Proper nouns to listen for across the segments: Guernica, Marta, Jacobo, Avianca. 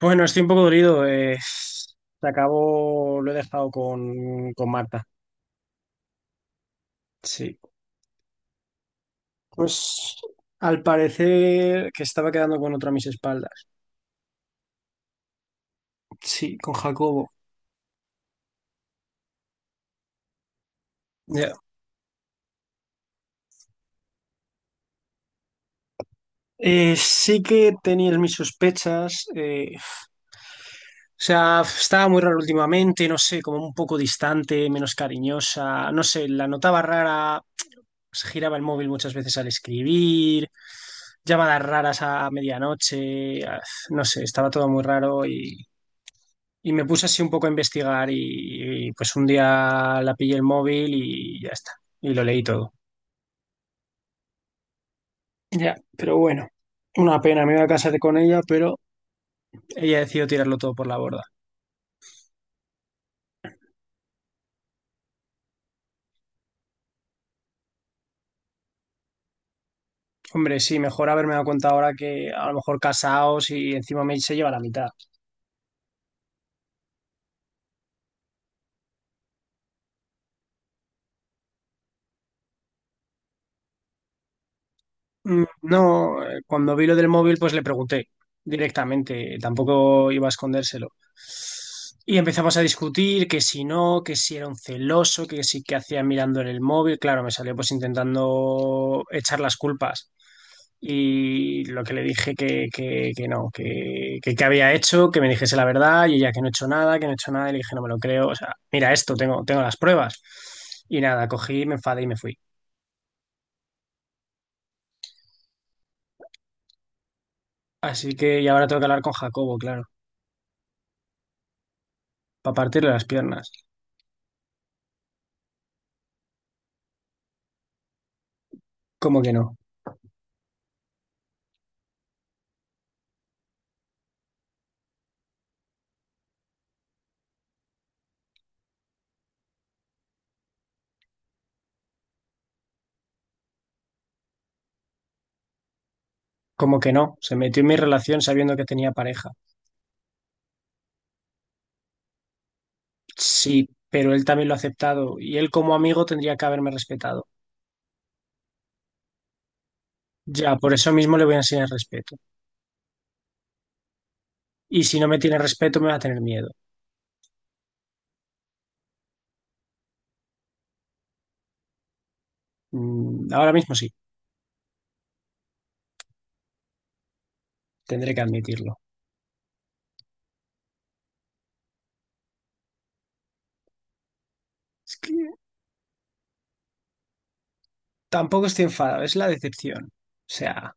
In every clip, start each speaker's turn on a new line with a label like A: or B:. A: Bueno, estoy un poco dolido. Se acabó, lo he dejado con Marta. Sí. Pues al parecer que estaba quedando con otra a mis espaldas. Sí, con Jacobo. Ya. Sí que tenías mis sospechas. O sea, estaba muy rara últimamente, no sé, como un poco distante, menos cariñosa. No sé, la notaba rara. Se giraba el móvil muchas veces al escribir, llamadas raras a medianoche, no sé, estaba todo muy raro Y me puse así un poco a investigar pues un día la pillé el móvil y ya está. Y lo leí todo. Ya, pero bueno, una pena, me iba a casar con ella, pero ella decidió tirarlo todo por la borda. Hombre, sí, mejor haberme dado cuenta ahora que a lo mejor casados y encima me se lleva la mitad. Mm, no, cuando vi lo del móvil, pues le pregunté directamente, tampoco iba a escondérselo. Y empezamos a discutir que si no, que si era un celoso, que si que hacía mirando en el móvil. Claro, me salió pues intentando echar las culpas. Y lo que le dije que, no, que había hecho, que me dijese la verdad, y ella que no he hecho nada, que no he hecho nada, y le dije, no me lo creo, o sea, mira esto, tengo las pruebas. Y nada, cogí, me enfadé y me fui. Así que y ahora tengo que hablar con Jacobo, claro. Para partirle las piernas. ¿Cómo que no? ¿Cómo que no? Se metió en mi relación sabiendo que tenía pareja. Sí, pero él también lo ha aceptado y él como amigo tendría que haberme respetado. Ya, por eso mismo le voy a enseñar respeto. Y si no me tiene respeto, me va a tener miedo. Ahora mismo sí, tendré que admitirlo. Es que tampoco estoy enfadado, es la decepción. O sea,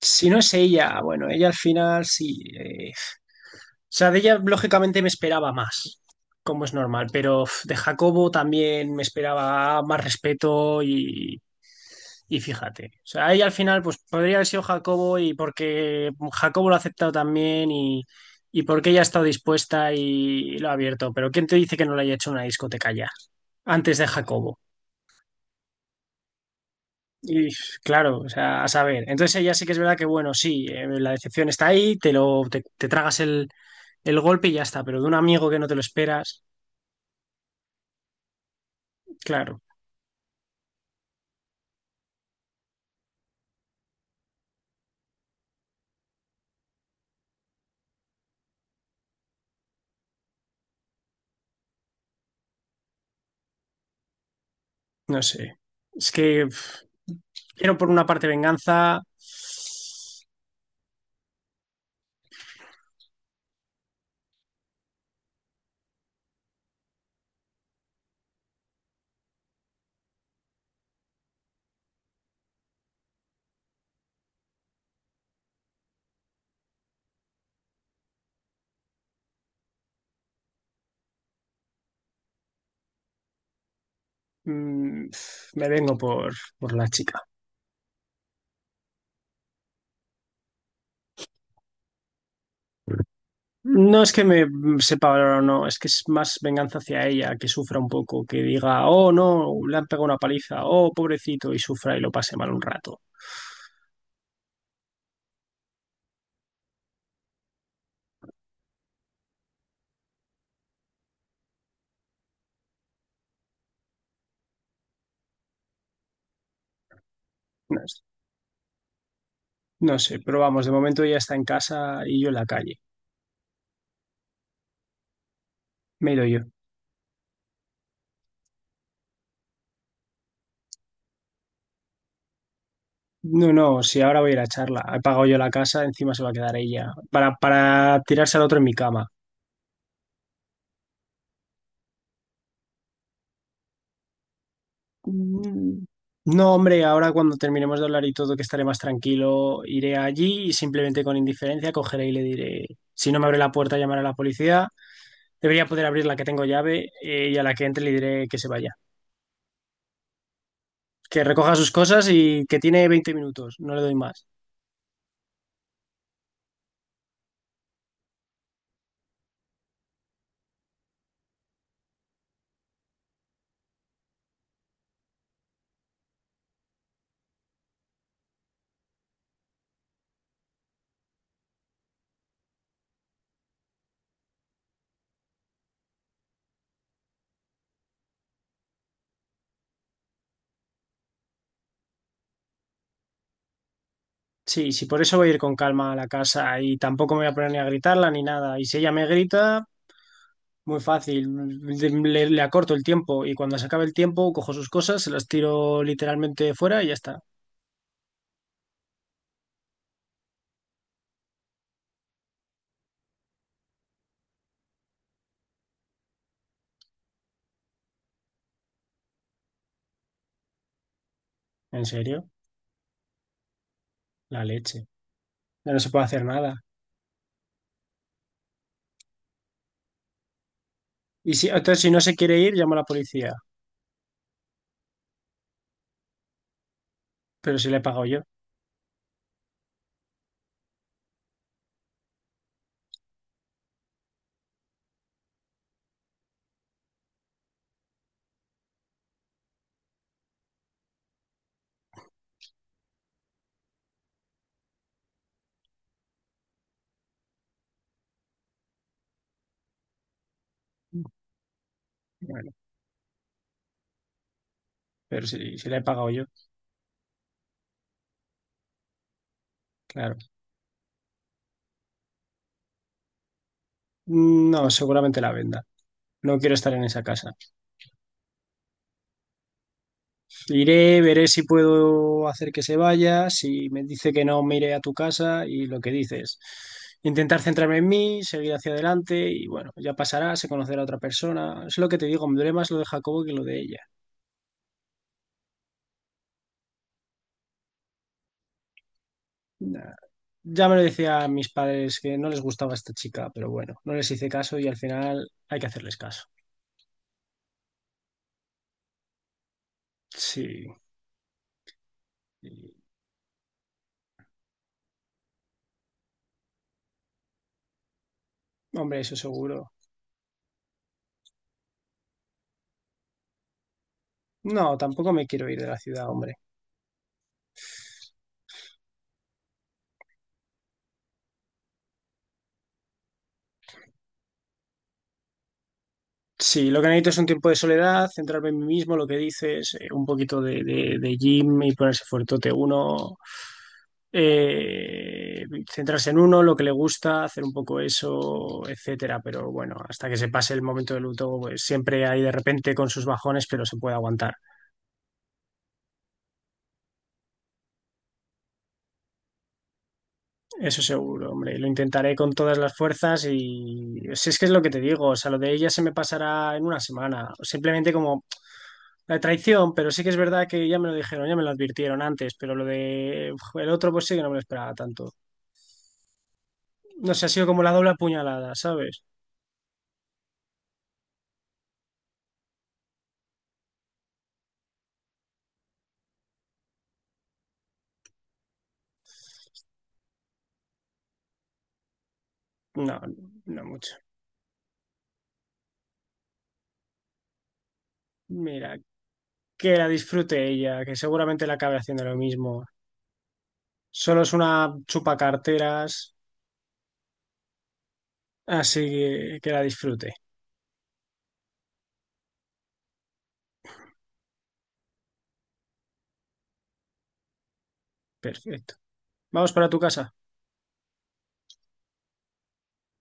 A: si no es ella, bueno, ella al final sí, de ella lógicamente me esperaba más, como es normal, pero uf, de Jacobo también me esperaba más respeto y fíjate. O sea, ella al final pues podría haber sido Jacobo y porque Jacobo lo ha aceptado también y porque ella ha estado dispuesta y lo ha abierto, pero ¿quién te dice que no le haya hecho una discoteca ya? Antes de Jacobo. Y claro, o sea, a saber. Entonces ella sí que es verdad que, bueno, sí, la decepción está ahí, te lo, te tragas el golpe y ya está, pero de un amigo que no te lo esperas, claro. No sé. Es que quiero por una parte venganza. Me vengo por la chica. No es que me sepa valorar o no, es que es más venganza hacia ella, que sufra un poco, que diga, oh no, le han pegado una paliza, oh pobrecito, y sufra y lo pase mal un rato. No, no sé, pero vamos, de momento ella está en casa y yo en la calle. Me he ido yo. No, no, si ahora voy a ir a charla. He pagado yo la casa, encima se va a quedar ella. Para tirarse al otro en mi cama. No, hombre, ahora cuando terminemos de hablar y todo, que estaré más tranquilo, iré allí y simplemente con indiferencia cogeré y le diré, si no me abre la puerta, llamaré a la policía. Debería poder abrir la que tengo llave y a la que entre le diré que se vaya. Que recoja sus cosas y que tiene 20 minutos, no le doy más. Sí, sí, por eso voy a ir con calma a la casa y tampoco me voy a poner ni a gritarla ni nada. Y si ella me grita, muy fácil, le, acorto el tiempo y cuando se acabe el tiempo cojo sus cosas, se las tiro literalmente fuera y ya está. ¿En serio? La leche. Ya no se puede hacer nada. Y si, entonces, si no se quiere ir, llamo a la policía. Pero si le he pagado yo. Bueno, pero si le he pagado yo, claro. Mm, no, seguramente la venda. No quiero estar en esa casa. Iré, veré si puedo hacer que se vaya, si me dice que no, me iré a tu casa y lo que dices. Intentar centrarme en mí, seguir hacia adelante y bueno, ya pasará, se conocerá a otra persona. Es lo que te digo, me duele más lo de Jacobo que lo de ella. Nah, ya me lo decía a mis padres que no les gustaba esta chica, pero bueno, no les hice caso y al final hay que hacerles caso. Sí, y- hombre, eso seguro. No, tampoco me quiero ir de la ciudad, hombre. Sí, lo que necesito es un tiempo de soledad, centrarme en mí mismo, lo que dices, un poquito de gym y ponerse fuertote. Uno, eh, centrarse en uno, lo que le gusta, hacer un poco eso, etcétera. Pero bueno, hasta que se pase el momento de luto, pues siempre hay de repente con sus bajones, pero se puede aguantar. Eso seguro, hombre. Lo intentaré con todas las fuerzas y si es que es lo que te digo, o sea, lo de ella se me pasará en una semana. Simplemente como la traición, pero sí que es verdad que ya me lo dijeron, ya me lo advirtieron antes, pero lo de uf, el otro pues sí que no me lo esperaba tanto. No sé, ha sido como la doble apuñalada, ¿sabes? No, no mucho. Mira, que la disfrute ella, que seguramente la acabe haciendo lo mismo. Solo es una chupacarteras, así que la disfrute. Perfecto. Vamos para tu casa.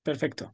A: Perfecto.